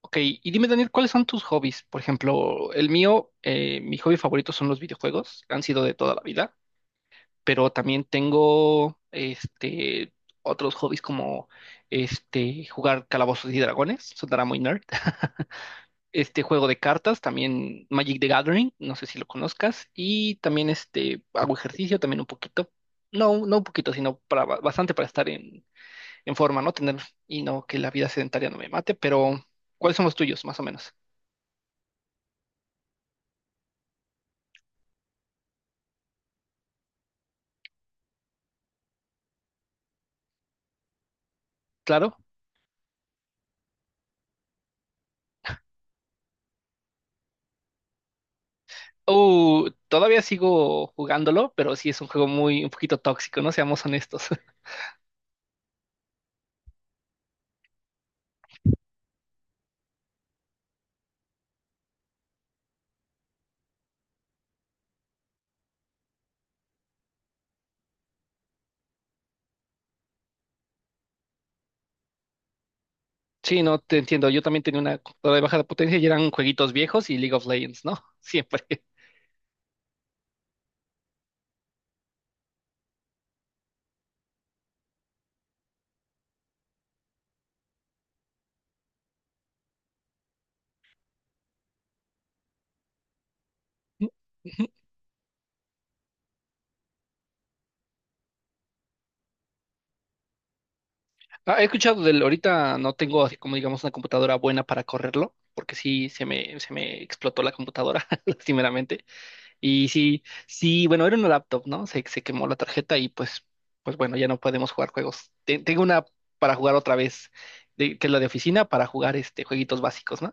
Ok, y dime Daniel, ¿cuáles son tus hobbies? Por ejemplo, el mío, mi hobby favorito son los videojuegos, han sido de toda la vida, pero también tengo otros hobbies como jugar Calabozos y Dragones, sonará muy nerd. Este juego de cartas, también Magic the Gathering, no sé si lo conozcas, y también hago ejercicio también un poquito. No, no un poquito, sino para bastante para estar en forma, ¿no? Tener y no que la vida sedentaria no me mate, pero ¿cuáles son los tuyos, más o menos? Claro. Todavía sigo jugándolo, pero sí es un juego muy, un poquito tóxico, ¿no? Seamos honestos. Sí, no, te entiendo. Yo también tenía una computadora de baja potencia y eran jueguitos viejos y League of Legends, ¿no? Siempre. Ah, he escuchado del, ahorita no tengo así como digamos una computadora buena para correrlo, porque sí se me explotó la computadora, lastimeramente. Y sí, sí, bueno, era una laptop, ¿no? Se quemó la tarjeta y pues bueno, ya no podemos jugar juegos. Tengo una para jugar otra vez, que es la de oficina, para jugar jueguitos básicos, ¿no?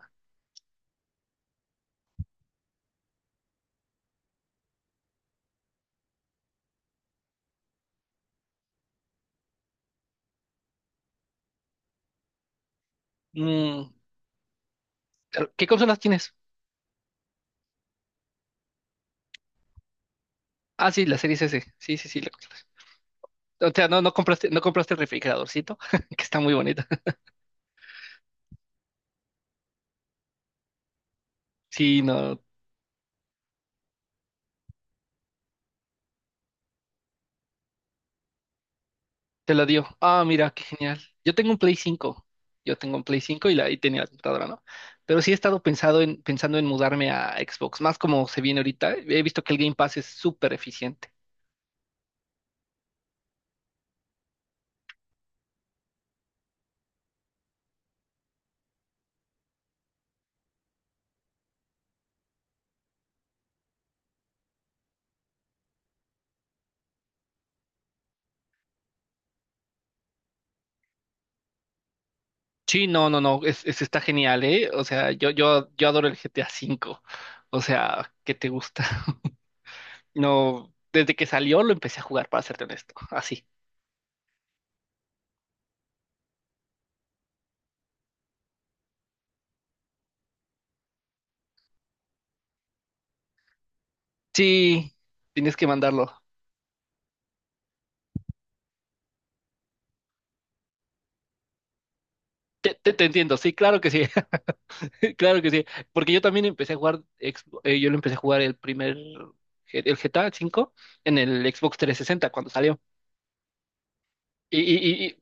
Mm, pero, ¿qué consolas tienes? Ah, sí, la Series S. Sí, sí, sí. O sea, no, no compraste el refrigeradorcito, que está muy bonito. Sí, no. Te la dio. Ah, mira, qué genial. Yo tengo un Play cinco. Yo tengo un Play 5 y, la, y tenía la computadora, ¿no? Pero sí he estado pensado en, pensando en mudarme a Xbox, más como se viene ahorita. He visto que el Game Pass es súper eficiente. Sí, no, no, no, es, está genial, ¿eh? O sea, yo adoro el GTA V. O sea, ¿qué te gusta? No, desde que salió lo empecé a jugar, para serte honesto, así. Sí, tienes que mandarlo. Te entiendo, sí, claro que sí, claro que sí. Porque yo también empecé a jugar, yo lo empecé a jugar el primer, el GTA V en el Xbox 360 cuando salió. Y, y, y, y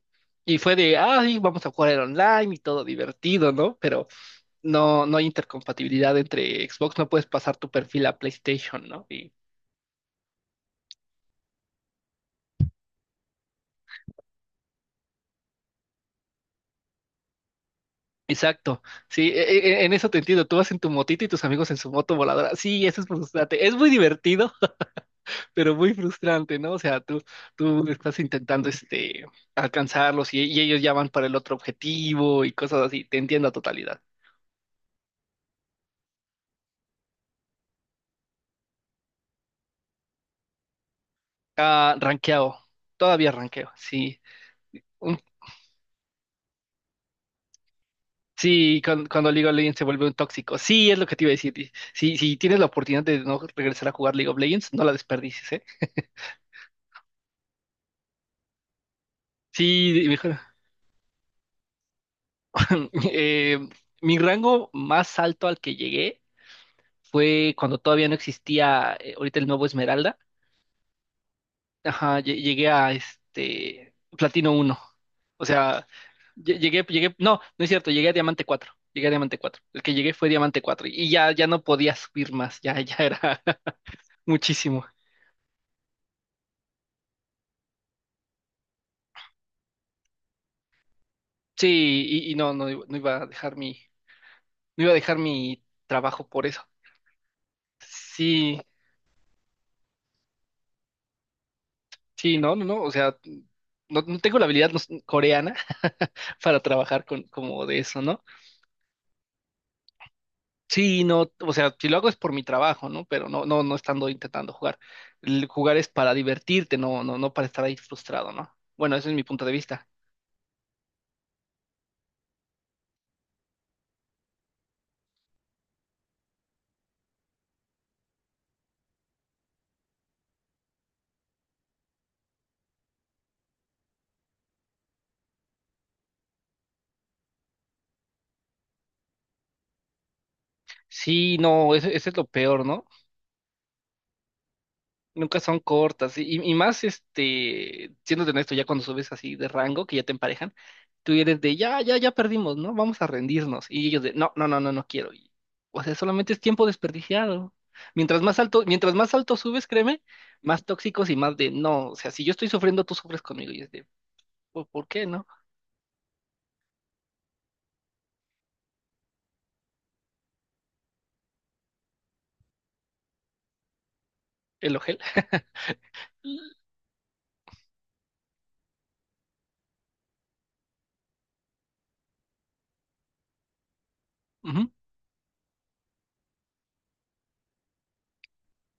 y fue de, ay, vamos a jugar el online y todo divertido, ¿no? Pero no, no hay intercompatibilidad entre Xbox, no puedes pasar tu perfil a PlayStation, ¿no? Y- exacto, sí, en eso te entiendo, tú vas en tu motito y tus amigos en su moto voladora, sí, eso es frustrante, es muy divertido, pero muy frustrante, ¿no? O sea, tú estás intentando alcanzarlos y ellos ya van para el otro objetivo y cosas así, te entiendo a totalidad. Ah, ranqueado, todavía ranqueo, sí. Sí, cuando League of Legends se vuelve un tóxico. Sí, es lo que te iba a decir. Y si tienes la oportunidad de no regresar a jugar League of Legends, no la desperdicies, ¿eh? Sí, mejor. Eh, mi rango más alto al que llegué fue cuando todavía no existía, ahorita el nuevo Esmeralda. Ajá, llegué a Platino uno. O sea, no, no es cierto, llegué a Diamante cuatro. Llegué a Diamante cuatro. El que llegué fue Diamante cuatro y ya, ya no podía subir más, ya, ya era muchísimo. Sí, y no, no, no iba a dejar mi, no iba a dejar mi trabajo por eso. Sí, sí, no, no, no, o sea, no, no tengo la habilidad no sé, coreana para trabajar con, como de eso, ¿no? Sí, no, o sea, si lo hago es por mi trabajo, ¿no? Pero no, no, no estando intentando jugar. El jugar es para divertirte, no, no, no para estar ahí frustrado, ¿no? Bueno, ese es mi punto de vista. Sí, no, ese es lo peor, ¿no? Nunca son cortas. Y más, siendo honesto, ya cuando subes así de rango, que ya te emparejan, tú eres de, ya, ya, ya perdimos, ¿no? Vamos a rendirnos. Y ellos de, no, no, no, no, no quiero. Y, o sea, solamente es tiempo desperdiciado. Mientras más alto subes, créeme, más tóxicos y más de, no, o sea, si yo estoy sufriendo, tú sufres conmigo. Y es de, por qué, no? El ojel. Ujú.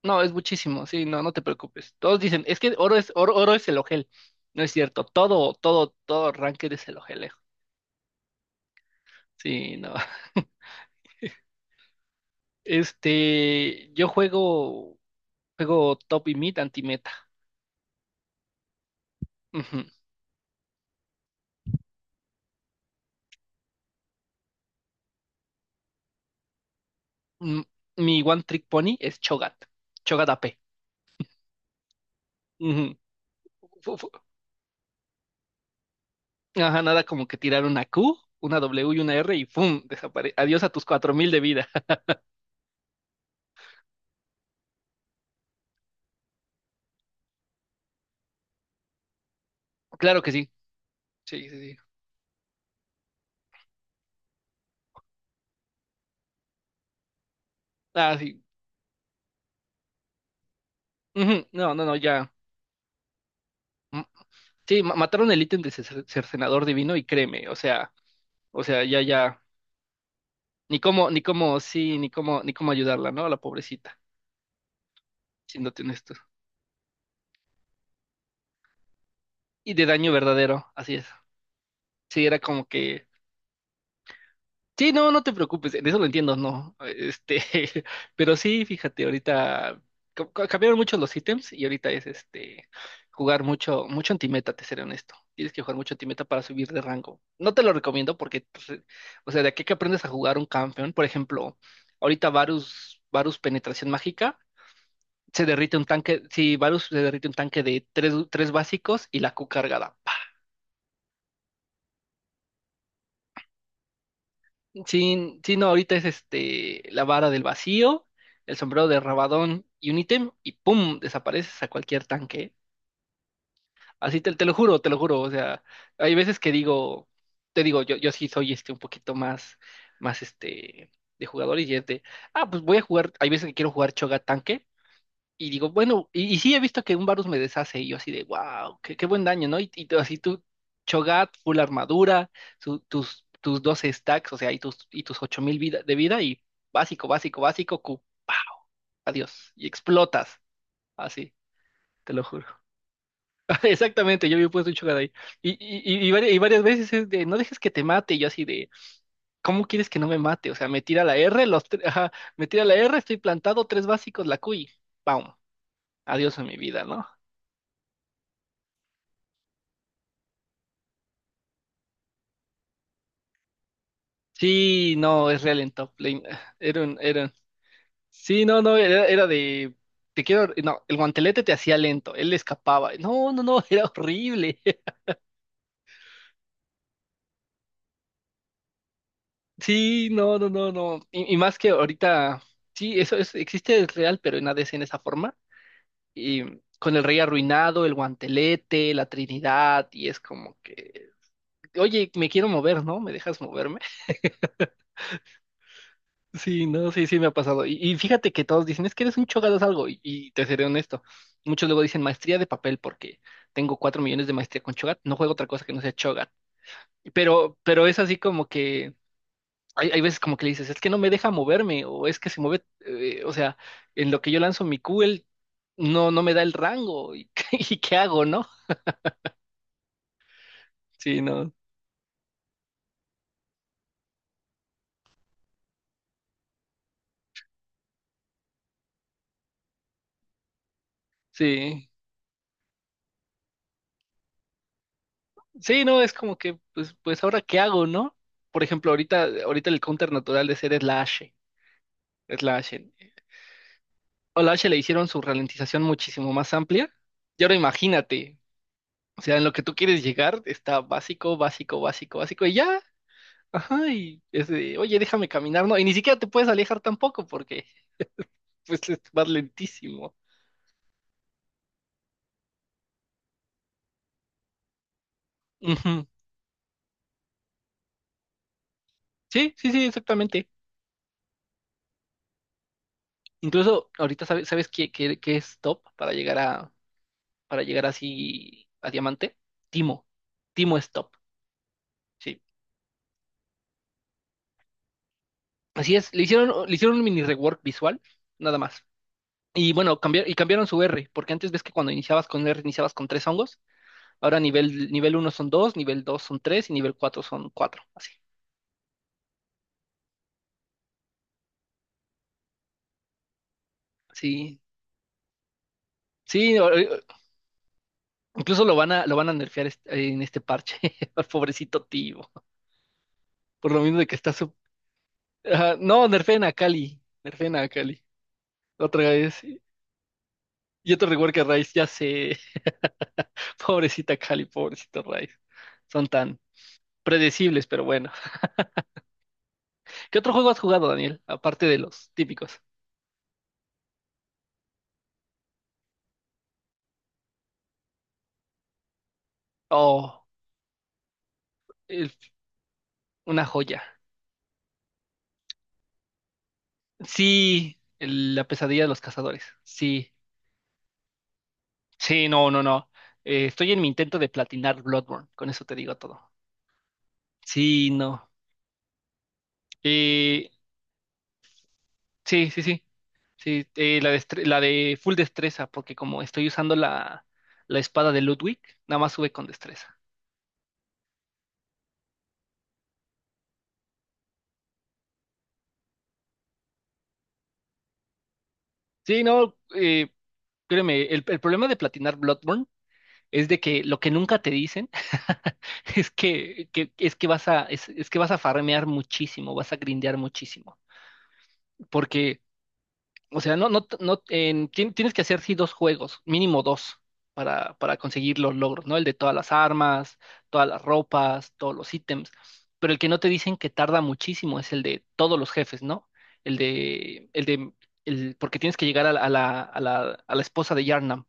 No, es muchísimo, sí, no, no te preocupes. Todos dicen, es que oro es, oro, oro es el ojel. No es cierto, todo, todo, todo ranked es el ojel. Sí, no. Yo juego, juego top y mid anti-meta. Ujú. Mm, Mi one trick pony es Chogat. Chogat AP. Ujú. Fu- fu- Ajá, nada como que tirar una Q, una W y una R y ¡pum! Desaparece. Adiós a tus 4.000 de vida. Claro que sí. Sí, sí, sí. Ah, sí. Ujú. No, no, no, ya. Mm. Sí, mataron el ítem de cercenador divino y créeme, ya, ya. Ni cómo, ni cómo, sí, ni cómo, ni cómo ayudarla, ¿no? A la pobrecita, siéndote honesto. Y de daño verdadero, así es. Sí, era como que. Sí, no, no te preocupes, en eso lo entiendo, no. Pero sí, fíjate, ahorita cambiaron mucho los ítems y ahorita es jugar mucho, mucho antimeta, te seré honesto. Tienes que jugar mucho antimeta para subir de rango. No te lo recomiendo porque, pues, o sea, de aquí que aprendes a jugar un campeón, por ejemplo, ahorita Varus, Varus Penetración Mágica, se derrite un tanque, si Varus se derrite un tanque de tres, tres básicos y la Q cargada. Sí, sí, no, ahorita es la vara del vacío, el sombrero de Rabadón y un ítem, y ¡pum! Desapareces a cualquier tanque. Así te lo juro, te lo juro. O sea, hay veces que digo, te digo, yo sí soy un poquito más, más de jugador y es de, ah, pues voy a jugar, hay veces que quiero jugar Choga tanque, y digo, bueno, y sí he visto que un Varus me deshace, y yo así de, wow, qué buen daño, ¿no? Y tú así tú, Cho'Gath, full armadura, tus 12 stacks, o sea, y tus 8.000 vida, de vida, y básico, básico, básico, Q, ¡pau! Adiós, y explotas, así, te lo juro. Exactamente, yo había puesto un Cho'Gath ahí. Y varias, y varias veces es de, no dejes que te mate, y yo así de, ¿cómo quieres que no me mate? O sea, me tira la R, ajá, me tira la R, estoy plantado, tres básicos, la Q, y ¡pam! Adiós a mi vida, ¿no? Sí, no, es real en top lane. Ah. Sí, no, no, era de. Te quiero. No, el guantelete te hacía lento, él escapaba. No, no, no, era horrible. Sí, no, no, no, no. Y más que ahorita. Sí, eso es, existe, es real, pero en ADC en esa forma. Y con el rey arruinado, el guantelete, la Trinidad, y es como que. Oye, me quiero mover, ¿no? ¿Me dejas moverme? Sí, no, sí, sí me ha pasado. Y fíjate que todos dicen, es que eres un chogadas algo, y te seré honesto. Muchos luego dicen maestría de papel porque tengo 4 millones de maestría con Chogat, no juego otra cosa que no sea Chogat. Pero es así como que hay veces como que le dices, es que no me deja moverme, o es que se mueve, o sea, en lo que yo lanzo mi Q, él no, no me da el rango, y, y qué hago, ¿no? Sí, no, sí. Sí, no, es como que, pues, pues ahora qué hago, ¿no? Por ejemplo, ahorita, ahorita el counter natural de ser es la H. Es la H. O la H le hicieron su ralentización muchísimo más amplia. Y ahora imagínate, o sea, en lo que tú quieres llegar está básico, básico, básico, básico, y ya, ajá, y es de, oye, déjame caminar, no, y ni siquiera te puedes alejar tampoco porque pues vas lentísimo. Ujú. Sí, sí, sí, exactamente. Incluso ahorita sabes, ¿sabes qué es top para llegar a, para llegar así a diamante? Timo. Timo es top. Sí. Así es, le hicieron un mini rework visual, nada más. Y bueno, cambiar, y cambiaron su R, porque antes ves que cuando iniciabas con R iniciabas con tres hongos, ahora nivel, nivel uno son dos, nivel 2 son tres y nivel cuatro son cuatro, así. Sí, sí, incluso lo van a nerfear en este parche, al pobrecito tío, por lo mismo de que está. Ajá, no, nerfeen a Cali, otra vez, y otro rework a Rice, ya sé, pobrecita Cali, pobrecito Rice, son tan predecibles, pero bueno. ¿Qué otro juego has jugado, Daniel, aparte de los típicos? Oh. el Una joya. Sí, la pesadilla de los cazadores. Sí, sí, no, no, no. Estoy en mi intento de platinar Bloodborne, con eso te digo todo. Sí, no. Eh, sí, sí, sí. Sí, la de full destreza, porque como estoy usando la espada de Ludwig, nada más sube con destreza. Sí, no, créeme, el problema de platinar Bloodborne es de que lo que nunca te dicen es que- es que vas a, es que vas a farmear muchísimo, vas a grindear muchísimo. Porque, o sea, no, no, no, tienes que hacer sí dos juegos, mínimo dos, para conseguir los logros, ¿no? El de todas las armas, todas las ropas, todos los ítems, pero el que no te dicen que tarda muchísimo es el de todos los jefes, ¿no? El de, el de, porque tienes que llegar a la esposa de Yharnam.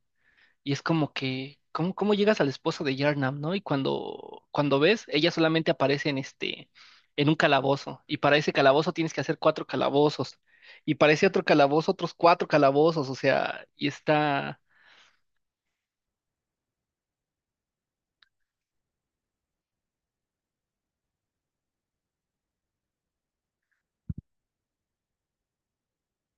Y es como que, ¿cómo llegas al esposo de Yarnam, no? Y cuando ves, ella solamente aparece en un calabozo. Y para ese calabozo tienes que hacer cuatro calabozos. Y para ese otro calabozo, otros cuatro calabozos. O sea, y está.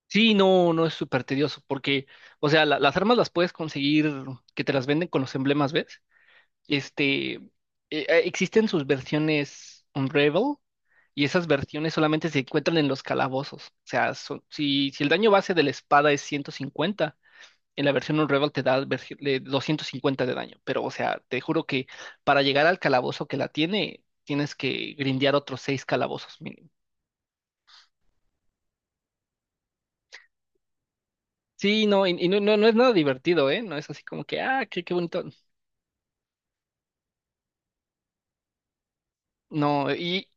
Sí, no, no es súper tedioso. Porque, o sea, las armas las puedes conseguir que te las venden con los emblemas, ¿ves? Este, eh, Existen sus versiones Unravel y esas versiones solamente se encuentran en los calabozos. O sea, si, si el daño base de la espada es 150, en la versión Unravel te da 250 de daño. Pero, o sea, te juro que para llegar al calabozo que la tiene, tienes que grindear otros seis calabozos mínimo. Sí, no, y no, no, no es nada divertido, ¿eh? No es así como que, ah, qué bonito. No, y...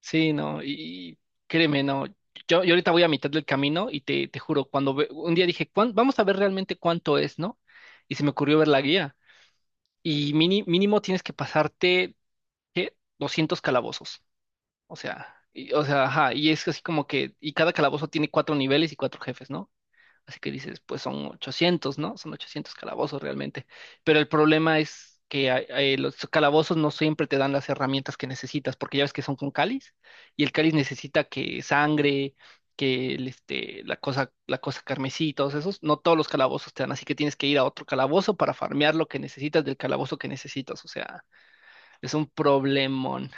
Sí, no, y créeme, no. Yo ahorita voy a mitad del camino y te juro, un día dije: Vamos a ver realmente cuánto es", ¿no? Y se me ocurrió ver la guía. Y mínimo tienes que pasarte, ¿qué? 200 calabozos. O sea, o sea, ajá, y es así como que, y cada calabozo tiene cuatro niveles y cuatro jefes, ¿no? Así que dices, pues son 800, ¿no? Son 800 calabozos realmente. Pero el problema es que los calabozos no siempre te dan las herramientas que necesitas, porque ya ves que son con cáliz, y el cáliz necesita que sangre, que la cosa carmesí y todos esos. No todos los calabozos te dan, así que tienes que ir a otro calabozo para farmear lo que necesitas del calabozo que necesitas. O sea, es un problema.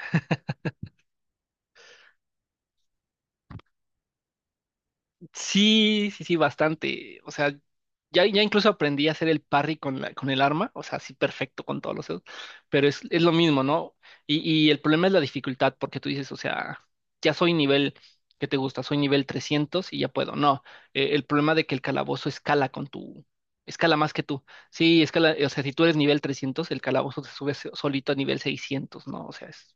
Sí, sí, sí, bastante. O sea, ya incluso aprendí a hacer el parry con con el arma, o sea, sí, perfecto con todos los dedos, pero es lo mismo, ¿no? Y, y el problema es la dificultad, porque tú dices, o sea, ya soy nivel, ¿que te gusta? Soy nivel 300 y ya puedo. No, el problema de que el calabozo escala más que tú. Sí, escala, o sea, si tú eres nivel 300, el calabozo te sube solito a nivel 600, ¿no? O sea, es...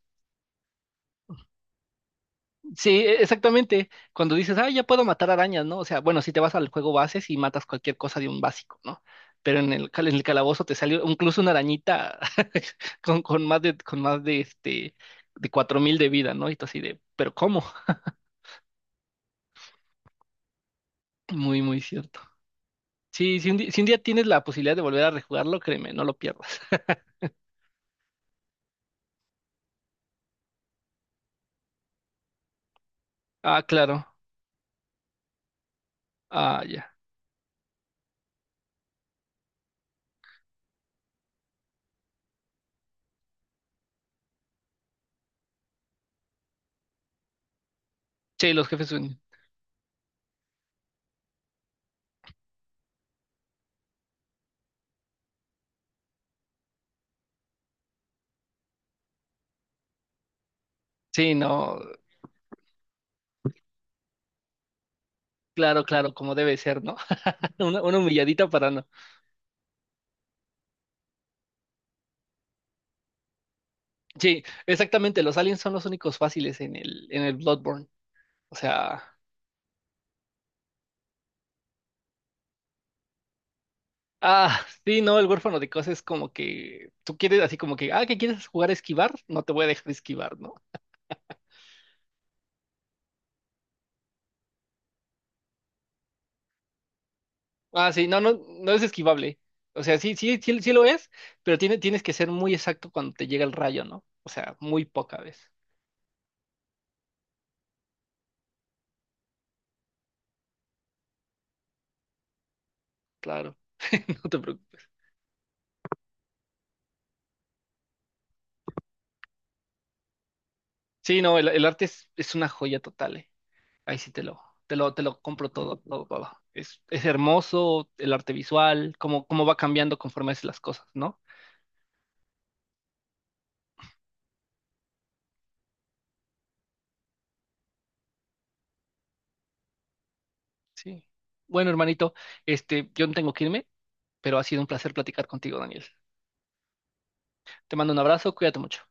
Sí, exactamente. Cuando dices: ah, ya puedo matar arañas, ¿no? O sea, bueno, si te vas al juego base y matas cualquier cosa de un básico, ¿no? Pero en el calabozo te salió incluso una arañita con más de 4.000 de vida, ¿no? Y tú así de, ¿pero cómo? Muy, muy cierto. Sí, si un día tienes la posibilidad de volver a rejugarlo, créeme, no lo pierdas. Ah, claro. Ah, ya. Sí, los jefes son... Sí, no, claro, claro, como debe ser, ¿no? Una humilladita para... Sí, exactamente. Los aliens son los únicos fáciles en el Bloodborne. O sea, ah, sí, no, el huérfano de cosas es como que tú quieres así como que, ah, que quieres jugar a esquivar, no te voy a dejar esquivar, ¿no? Ah, sí, no, no, no es esquivable. O sea, sí, sí, sí, sí lo es, pero tienes que ser muy exacto cuando te llega el rayo, ¿no? O sea, muy poca vez. Claro, no te preocupes. Sí, no, el arte es una joya total, ¿eh? Ahí sí te lo compro todo, todo, todo. Es hermoso el arte visual, cómo va cambiando conforme haces las cosas, ¿no? Sí. Bueno, hermanito, yo no tengo que irme, pero ha sido un placer platicar contigo, Daniel. Te mando un abrazo, cuídate mucho.